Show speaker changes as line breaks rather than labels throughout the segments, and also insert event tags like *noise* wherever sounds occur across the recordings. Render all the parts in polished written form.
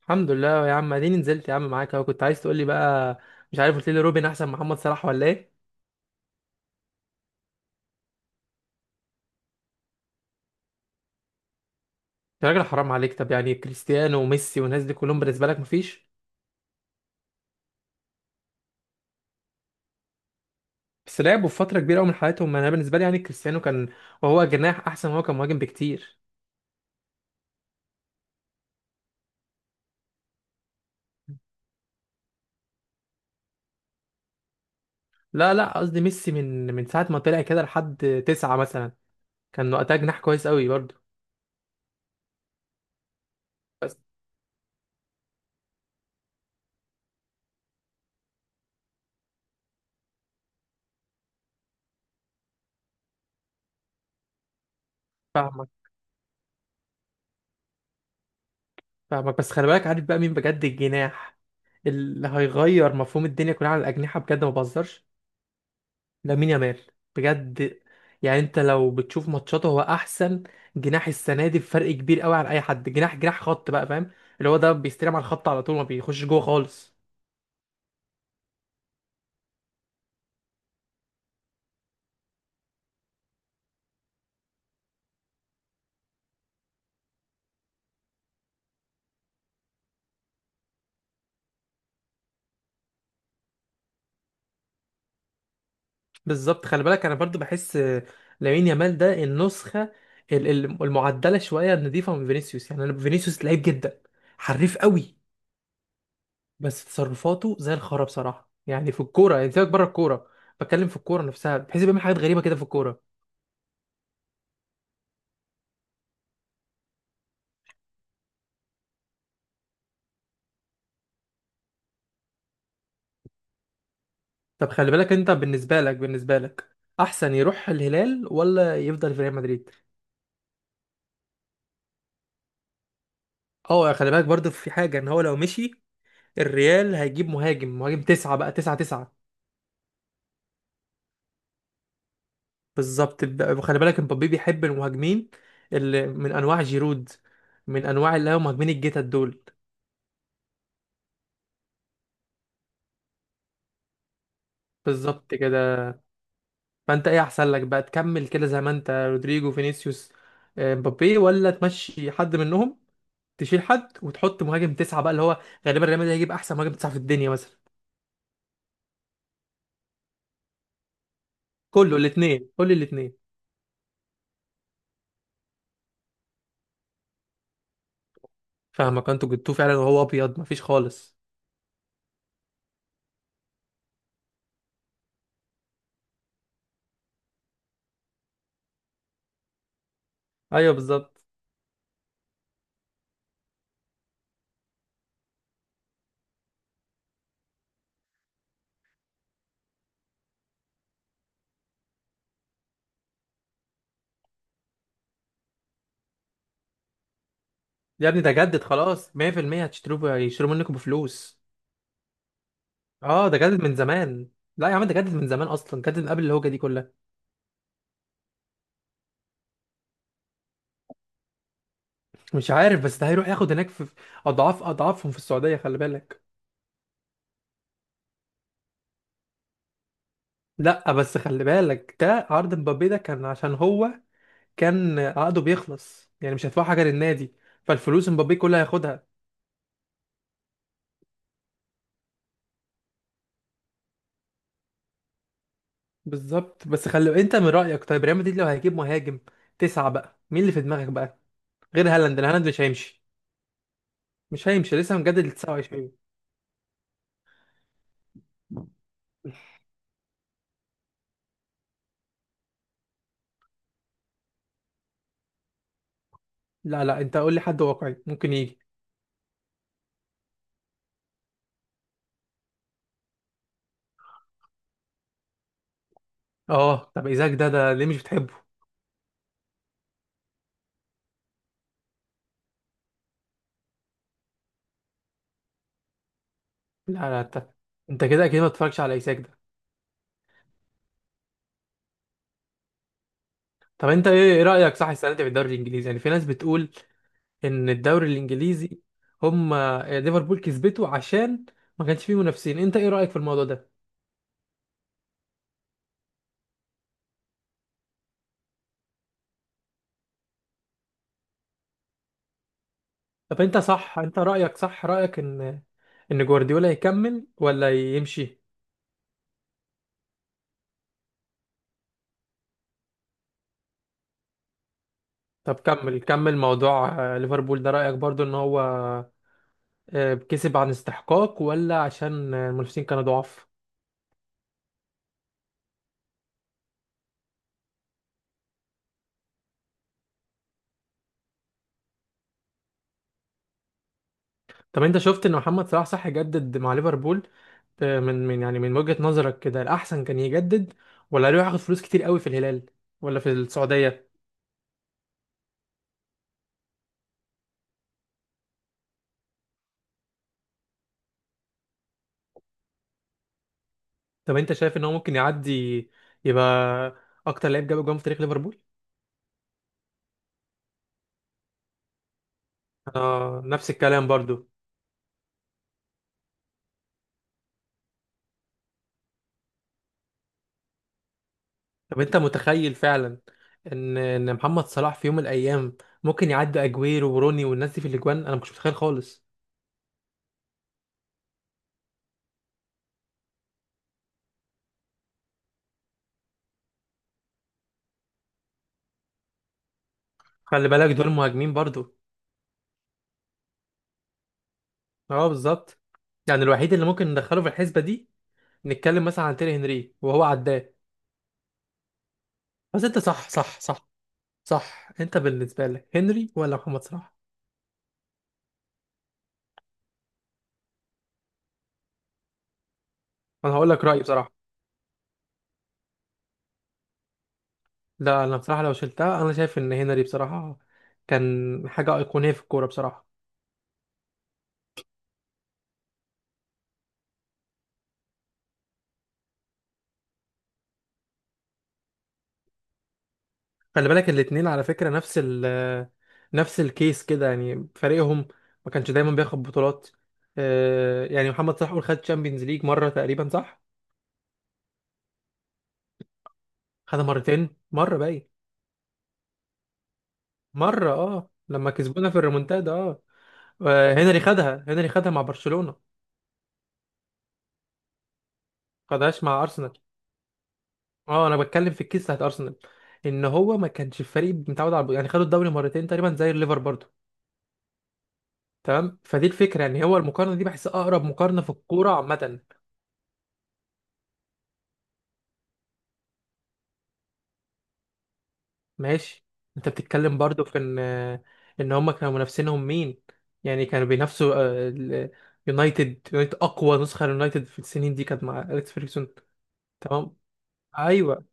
الحمد لله يا عم، اديني نزلت يا عم معاك اهو. كنت عايز تقول لي بقى، مش عارف، قلت لي روبن احسن من محمد صلاح ولا ايه؟ يا راجل حرام عليك. طب يعني كريستيانو وميسي والناس دي كلهم بالنسبه لك مفيش؟ بس لعبوا في فتره كبيره قوي من حياتهم. انا بالنسبه لي يعني كريستيانو كان وهو جناح احسن، وهو كان مهاجم بكتير. لا لا، قصدي ميسي من ساعه ما طلع كده لحد تسعة مثلا كان وقتها جناح كويس قوي برضه. بس فاهمك، فاهمك. بس خلي بالك، عارف بقى مين بجد الجناح اللي هيغير مفهوم الدنيا كلها على الاجنحه؟ بجد ما بهزرش، لامين يامال، بجد. يعني انت لو بتشوف ماتشاته هو احسن جناح السنه دي بفرق كبير قوي عن اي حد. جناح جناح خط بقى، فاهم؟ اللي هو ده بيستلم على الخط على طول ما بيخش جوه خالص. بالظبط. خلي بالك انا برضو بحس لامين يامال ده النسخه المعدله شويه النضيفه من فينيسيوس. يعني انا فينيسيوس لعيب جدا، حريف قوي، بس تصرفاته زي الخرا بصراحه. يعني في الكوره، يعني سيبك بره الكوره، بتكلم في الكوره نفسها، بحيث بيعمل حاجات غريبه كده في الكوره. طب خلي بالك انت، بالنسبه لك احسن يروح الهلال ولا يفضل في ريال مدريد؟ اه. خلي بالك برضو في حاجه ان هو لو مشي الريال هيجيب مهاجم، مهاجم تسعة بقى، تسعة. بالظبط. خلي بالك مبابي بيحب المهاجمين اللي من انواع جيرود، من انواع اللي هم مهاجمين الجيتا دول. بالظبط كده. فانت ايه احسن لك بقى؟ تكمل كده زي ما انت، رودريجو فينيسيوس مبابي، ولا تمشي حد منهم، تشيل حد وتحط مهاجم تسعة بقى، اللي هو غالبا ريال مدريد هيجيب احسن مهاجم تسعة في الدنيا مثلا. كله الاثنين، كل الاثنين. فاهمك، انتوا جبتوه فعلا وهو ابيض، مفيش خالص. ايوه بالظبط. يا ابني ده جدد خلاص 100%، هتشتروه، هيشتروا منكم بفلوس. اه ده جدد من زمان. لا يا عم، ده جدد من زمان اصلا، جدد من قبل الهوجه دي كلها. مش عارف، بس ده هيروح ياخد هناك في اضعاف اضعافهم في السعوديه، خلي بالك. لا بس خلي بالك ده عرض مبابي، ده كان عشان هو كان عقده بيخلص، يعني مش هيدفع حاجه للنادي، فالفلوس مبابي كلها هياخدها. بالظبط. بس خلي انت من رأيك، طيب ريال مدريد لو هيجيب مهاجم تسعة بقى مين اللي في دماغك بقى، غير هالاند لأن هالاند مش هيمشي؟ مش هيمشي، لسه مجدد ل 29. لا لا، انت قول لي حد واقعي ممكن يجي. اه طب ايزاك ده، ده ليه مش بتحبه؟ لا لا، انت، انت كده اكيد ما بتتفرجش على ايزاك ده. طب انت ايه، ايه رأيك صح السنة دي في الدوري الانجليزي؟ يعني في ناس بتقول ان الدوري الانجليزي، هم ليفربول كسبته عشان ما كانش فيه منافسين. انت ايه رأيك في الموضوع ده؟ طب انت صح، انت رأيك صح، رأيك ان ان جوارديولا يكمل ولا يمشي؟ طب كمل، كمل موضوع ليفربول ده. رأيك برضو ان هو كسب عن استحقاق، ولا عشان المنافسين كانوا ضعاف؟ طب انت شفت ان محمد صلاح صح يجدد مع ليفربول، من يعني من وجهة نظرك كده الأحسن كان يجدد، ولا يروح ياخد فلوس كتير قوي في الهلال ولا في السعودية؟ طب انت شايف ان هو ممكن يعدي، يبقى اكتر لعيب جاب جون في تاريخ ليفربول؟ انا نفس الكلام برضو. طب انت متخيل فعلا ان ان محمد صلاح في يوم من الايام ممكن يعدي اجويرو وروني والناس دي في الاجوان؟ انا ما كنتش متخيل خالص. خلي بالك دول مهاجمين برضو. اه بالظبط. يعني الوحيد اللي ممكن ندخله في الحسبه دي نتكلم مثلا عن تيري هنري وهو عداه. بس انت صح صح صح، صح انت بالنسبه لك هنري ولا محمد صلاح؟ انا هقول لك رايي بصراحه. لا انا بصراحه لو شلتها انا شايف ان هنري بصراحه كان حاجه ايقونيه في الكوره بصراحه. خلي بالك الاتنين على فكرة نفس ال نفس الكيس كده، يعني فريقهم ما كانش دايما بياخد بطولات. يعني محمد صلاح قول خد تشامبيونز ليج مرة تقريبا صح؟ خدها مرتين، مرة باين، مرة اه لما كسبونا في الريمونتادا اه. هنري خدها، هنري خدها مع برشلونة، خدهاش مع أرسنال. اه انا بتكلم في الكيس بتاعت أرسنال، ان هو ما كانش الفريق متعود على، يعني خدوا الدوري مرتين تقريبا زي الليفر برضه. تمام. فدي الفكرة، يعني هو المقارنة دي بحس أقرب مقارنة في الكورة عامة. ماشي. انت بتتكلم برضو في ان، ان هم كانوا منافسينهم مين؟ يعني كانوا بينافسوا يونايتد، يونايتد اقوى نسخه ليونايتد في السنين دي كانت مع اليكس فيرجسون. تمام، ايوه.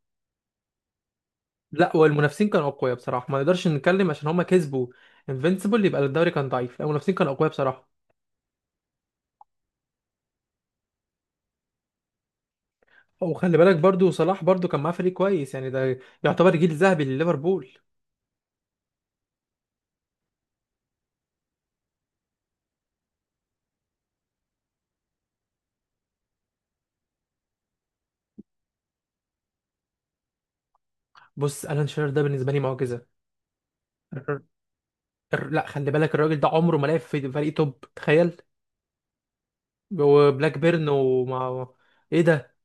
لا والمنافسين كانوا اقوياء بصراحه، ما نقدرش نتكلم عشان هم كسبوا انفينسيبل يبقى الدوري كان ضعيف، لا، المنافسين كانوا اقوياء بصراحه. وخلي بالك برضو صلاح برضو كان معاه فريق كويس، يعني ده يعتبر جيل ذهبي لليفربول. بص الان شيرر ده بالنسبه لي معجزه. *laughs* الر- لا خلي بالك الراجل ده عمره ما لعب في فريق توب، تخيل، وبلاك بيرن ومع ايه ده.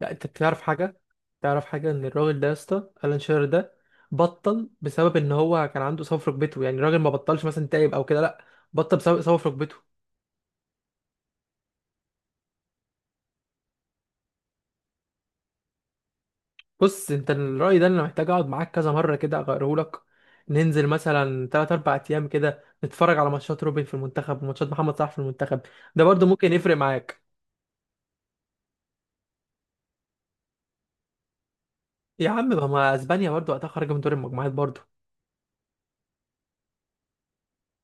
لا انت بتعرف حاجه، تعرف حاجه ان الراجل ده يا اسطى الان شيرر ده بطل بسبب ان هو كان عنده إصابة في ركبته. يعني الراجل ما بطلش مثلا تعب او كده، لا، بطل بسبب اصابه في ركبته. بص انت الراي ده انا محتاج اقعد معاك كذا مره كده اغيره لك. ننزل مثلا 3 4 ايام كده نتفرج على ماتشات روبن في المنتخب وماتشات محمد صلاح في المنتخب، ده برضو ممكن يفرق معاك. يا عم، ما اسبانيا برضو وقتها خارجه من دور المجموعات برضو.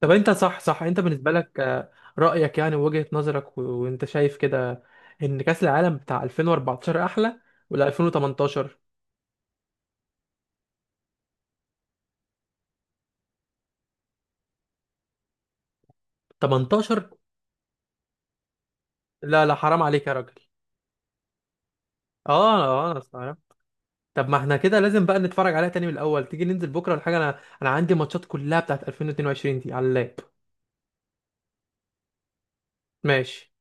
طب انت صح، صح انت بالنسبه لك رايك، يعني وجهه نظرك وانت شايف كده ان كاس العالم بتاع 2014 احلى ولا 2018؟ 18؟ لا لا، حرام عليك يا راجل. اه اه، انا استغربت. طب ما احنا كده لازم بقى نتفرج عليها تاني من الاول. تيجي ننزل بكره ولا حاجه؟ انا، انا عندي ماتشات كلها بتاعت 2022 دي على اللاب. ماشي.